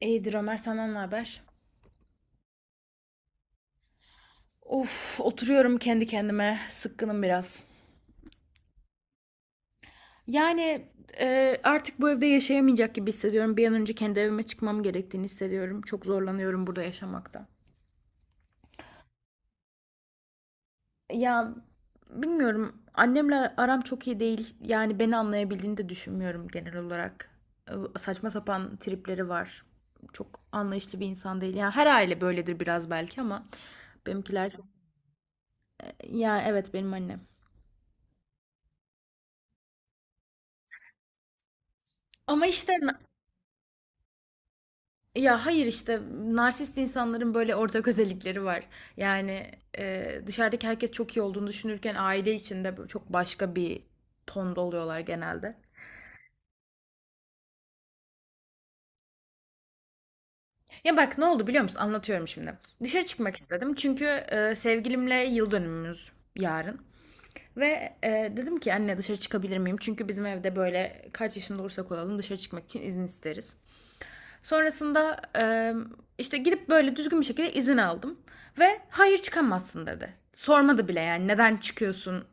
İyidir Ömer senden ne haber? Of oturuyorum kendi kendime sıkkınım biraz. Yani artık bu evde yaşayamayacak gibi hissediyorum. Bir an önce kendi evime çıkmam gerektiğini hissediyorum. Çok zorlanıyorum burada yaşamakta. Ya bilmiyorum, annemle aram çok iyi değil. Yani beni anlayabildiğini de düşünmüyorum genel olarak. Saçma sapan tripleri var. Çok anlayışlı bir insan değil. Yani her aile böyledir biraz belki ama benimkiler, ya evet benim annem. Ama işte ya hayır işte narsist insanların böyle ortak özellikleri var. Yani Dışarıdaki herkes çok iyi olduğunu düşünürken aile içinde böyle çok başka bir tonda oluyorlar genelde. Ya bak ne oldu biliyor musun? Anlatıyorum şimdi. Dışarı çıkmak istedim çünkü sevgilimle yıl dönümümüz yarın. Ve dedim ki anne dışarı çıkabilir miyim? Çünkü bizim evde böyle kaç yaşında olursak olalım dışarı çıkmak için izin isteriz. Sonrasında işte gidip böyle düzgün bir şekilde izin aldım. Ve hayır çıkamazsın dedi. Sormadı bile yani neden çıkıyorsun,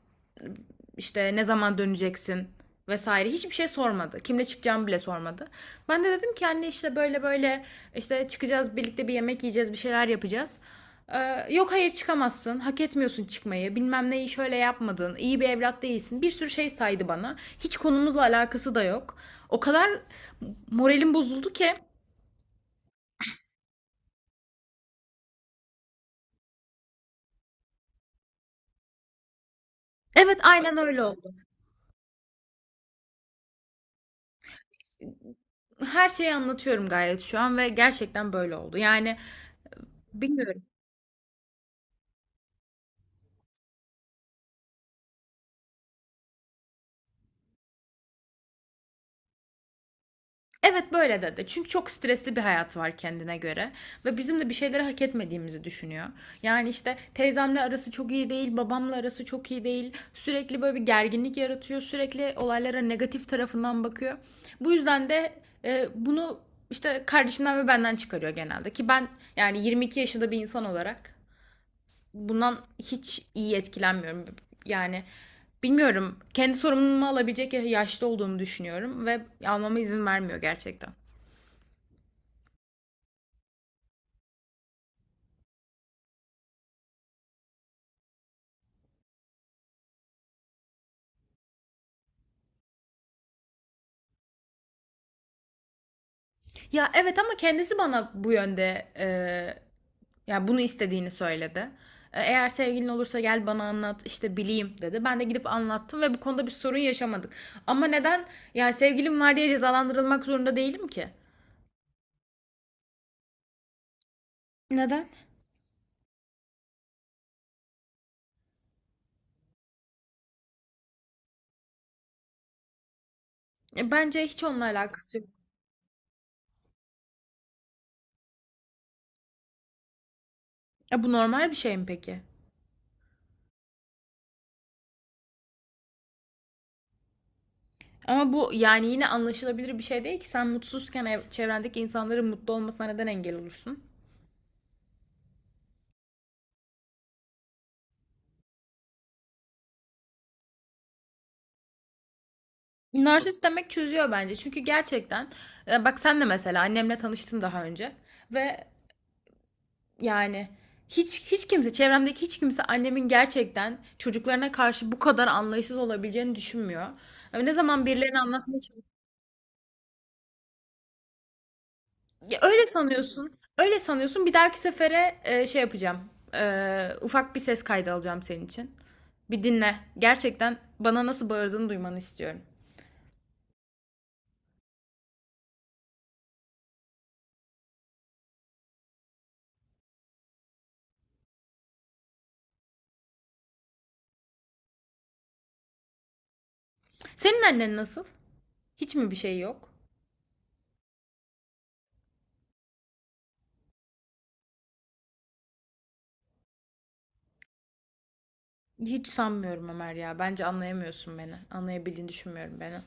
işte ne zaman döneceksin vesaire hiçbir şey sormadı. Kimle çıkacağımı bile sormadı. Ben de dedim ki anne işte böyle böyle işte çıkacağız birlikte bir yemek yiyeceğiz bir şeyler yapacağız. Yok hayır çıkamazsın. Hak etmiyorsun çıkmayı. Bilmem neyi şöyle yapmadın. İyi bir evlat değilsin. Bir sürü şey saydı bana. Hiç konumuzla alakası da yok. O kadar moralim bozuldu ki. Evet aynen öyle oldu. Her şeyi anlatıyorum gayet şu an ve gerçekten böyle oldu. Yani bilmiyorum. Evet böyle dedi. Çünkü çok stresli bir hayatı var kendine göre ve bizim de bir şeyleri hak etmediğimizi düşünüyor. Yani işte teyzemle arası çok iyi değil, babamla arası çok iyi değil. Sürekli böyle bir gerginlik yaratıyor. Sürekli olaylara negatif tarafından bakıyor. Bu yüzden de bunu işte kardeşimden ve benden çıkarıyor genelde ki ben yani 22 yaşında bir insan olarak bundan hiç iyi etkilenmiyorum. Yani bilmiyorum. Kendi sorumluluğumu alabilecek yaşta olduğumu düşünüyorum ve almama izin vermiyor gerçekten. Ya evet ama kendisi bana bu yönde ya bunu istediğini söyledi. Eğer sevgilin olursa gel bana anlat işte bileyim dedi. Ben de gidip anlattım ve bu konuda bir sorun yaşamadık. Ama neden ya sevgilim var diye cezalandırılmak zorunda değilim ki? Neden? Bence hiç onunla alakası yok. E, bu normal bir şey mi peki? Ama bu yani yine anlaşılabilir bir şey değil ki. Sen mutsuzken çevrendeki insanların mutlu olmasına neden engel olursun? Narsist demek çözüyor bence. Çünkü gerçekten bak sen de mesela annemle tanıştın daha önce ve yani hiç kimse, çevremdeki hiç kimse annemin gerçekten çocuklarına karşı bu kadar anlayışsız olabileceğini düşünmüyor. Yani ne zaman birilerine anlatmaya, ya öyle sanıyorsun. Öyle sanıyorsun. Bir dahaki sefere şey yapacağım. Ufak bir ses kaydı alacağım senin için. Bir dinle. Gerçekten bana nasıl bağırdığını duymanı istiyorum. Senin annen nasıl? Hiç mi bir şey yok? Hiç sanmıyorum Ömer ya. Bence anlayamıyorsun beni. Anlayabildiğini düşünmüyorum beni.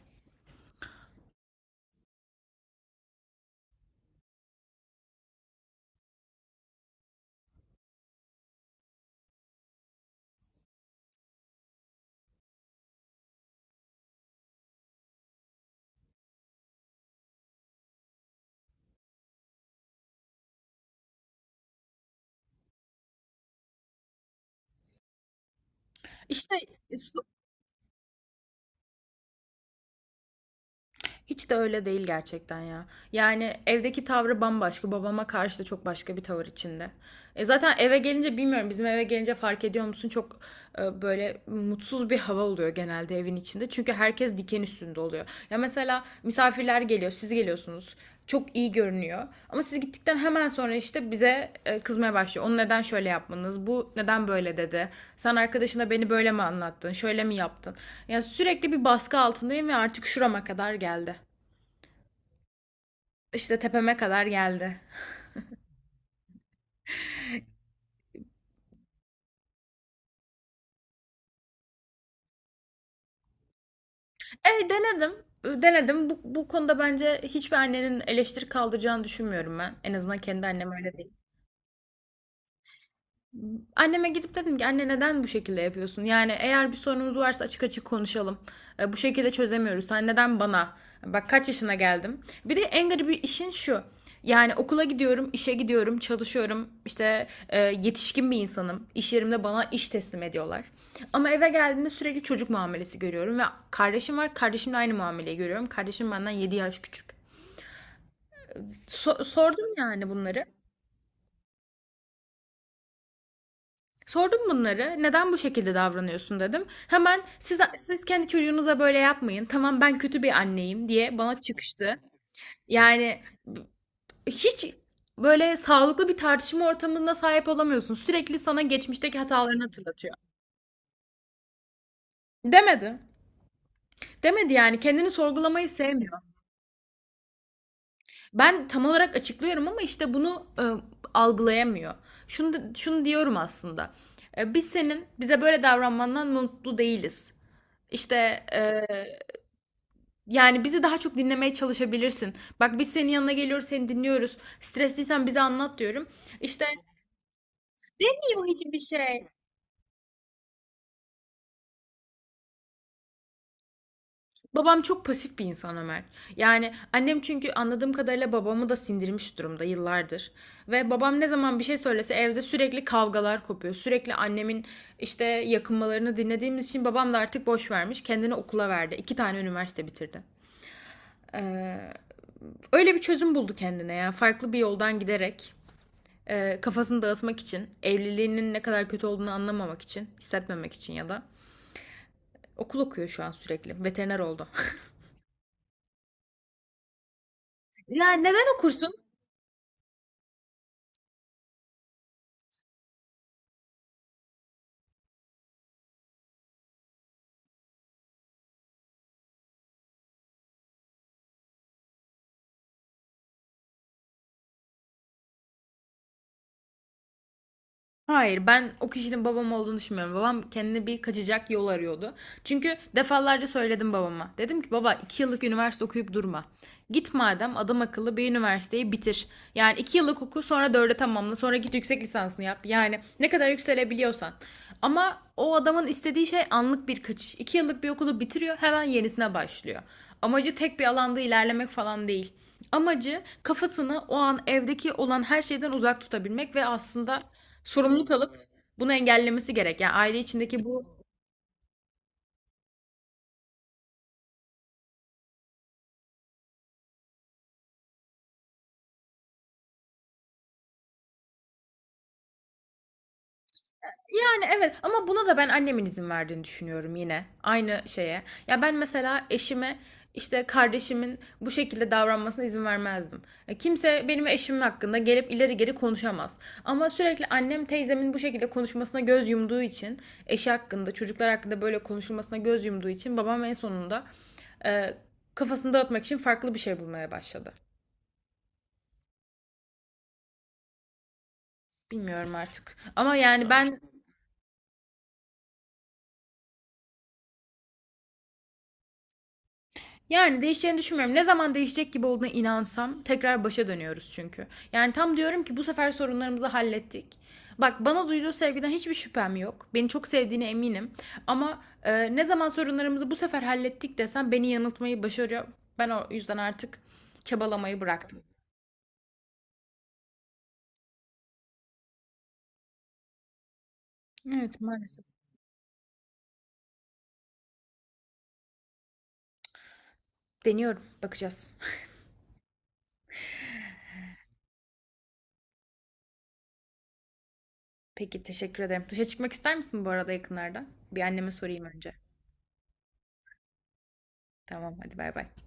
İşte hiç de öyle değil gerçekten ya. Yani evdeki tavrı bambaşka. Babama karşı da çok başka bir tavır içinde. E zaten eve gelince bilmiyorum, bizim eve gelince fark ediyor musun? Çok böyle mutsuz bir hava oluyor genelde evin içinde. Çünkü herkes diken üstünde oluyor. Ya mesela misafirler geliyor, siz geliyorsunuz. Çok iyi görünüyor. Ama siz gittikten hemen sonra işte bize kızmaya başlıyor. Onu neden şöyle yapmanız? Bu neden böyle dedi? Sen arkadaşına beni böyle mi anlattın? Şöyle mi yaptın? Yani sürekli bir baskı altındayım ve artık şurama kadar geldi. İşte tepeme kadar geldi. E denedim. Denedim. Bu konuda bence hiçbir annenin eleştiri kaldıracağını düşünmüyorum ben. En azından kendi annem öyle değil. Anneme gidip dedim ki anne neden bu şekilde yapıyorsun? Yani eğer bir sorunumuz varsa açık açık konuşalım. Bu şekilde çözemiyoruz. Sen neden bana? Bak kaç yaşına geldim. Bir de en garibi işin şu. Yani okula gidiyorum, işe gidiyorum, çalışıyorum. İşte yetişkin bir insanım. İş yerimde bana iş teslim ediyorlar. Ama eve geldiğimde sürekli çocuk muamelesi görüyorum. Ve kardeşim var, kardeşimle aynı muameleyi görüyorum. Kardeşim benden 7 yaş küçük. Sordum yani bunları. Sordum bunları. Neden bu şekilde davranıyorsun dedim. Hemen siz kendi çocuğunuza böyle yapmayın. Tamam ben kötü bir anneyim diye bana çıkıştı. Yani b- Hiç böyle sağlıklı bir tartışma ortamına sahip olamıyorsun. Sürekli sana geçmişteki hatalarını hatırlatıyor. Demedi. Demedi, yani kendini sorgulamayı sevmiyor. Ben tam olarak açıklıyorum ama işte bunu algılayamıyor. Şunu diyorum aslında. Biz senin bize böyle davranmandan mutlu değiliz. İşte e, Yani bizi daha çok dinlemeye çalışabilirsin. Bak biz senin yanına geliyoruz, seni dinliyoruz. Stresliysen bize anlat diyorum. İşte yok hiçbir şey. Babam çok pasif bir insan Ömer. Yani annem çünkü anladığım kadarıyla babamı da sindirmiş durumda yıllardır. Ve babam ne zaman bir şey söylese evde sürekli kavgalar kopuyor. Sürekli annemin işte yakınmalarını dinlediğimiz için babam da artık boş vermiş. Kendini okula verdi. İki tane üniversite bitirdi. Ee, Öyle bir çözüm buldu kendine ya. Farklı bir yoldan giderek, kafasını dağıtmak için, evliliğinin ne kadar kötü olduğunu anlamamak için, hissetmemek için ya da okul okuyor şu an sürekli. Veteriner oldu. Yani neden okursun? Hayır, ben o kişinin babam olduğunu düşünmüyorum. Babam kendine bir kaçacak yol arıyordu. Çünkü defalarca söyledim babama. Dedim ki baba 2 yıllık üniversite okuyup durma. Git madem adam akıllı bir üniversiteyi bitir. Yani 2 yıllık oku sonra dörde tamamla sonra git yüksek lisansını yap. Yani ne kadar yükselebiliyorsan. Ama o adamın istediği şey anlık bir kaçış. 2 yıllık bir okulu bitiriyor hemen yenisine başlıyor. Amacı tek bir alanda ilerlemek falan değil. Amacı kafasını o an evdeki olan her şeyden uzak tutabilmek ve aslında sorumluluk alıp bunu engellemesi gerek. Yani aile içindeki bu, yani evet ama buna da ben annemin izin verdiğini düşünüyorum yine. Aynı şeye. Ya ben mesela eşime işte kardeşimin bu şekilde davranmasına izin vermezdim. Kimse benim eşimin hakkında gelip ileri geri konuşamaz. Ama sürekli annem teyzemin bu şekilde konuşmasına göz yumduğu için, eşi hakkında, çocuklar hakkında böyle konuşulmasına göz yumduğu için babam en sonunda e, kafasını dağıtmak için farklı bir şey bulmaya başladı. Bilmiyorum artık. Ama yani ben, yani değişeceğini düşünmüyorum. Ne zaman değişecek gibi olduğuna inansam tekrar başa dönüyoruz çünkü. Yani tam diyorum ki bu sefer sorunlarımızı hallettik. Bak bana duyduğu sevgiden hiçbir şüphem yok. Beni çok sevdiğine eminim. Ama ne zaman sorunlarımızı bu sefer hallettik desem beni yanıltmayı başarıyor. Ben o yüzden artık çabalamayı bıraktım. Evet maalesef. Deniyorum. Bakacağız. Peki teşekkür ederim. Dışa çıkmak ister misin bu arada yakınlarda? Bir anneme sorayım önce. Tamam hadi bay bay.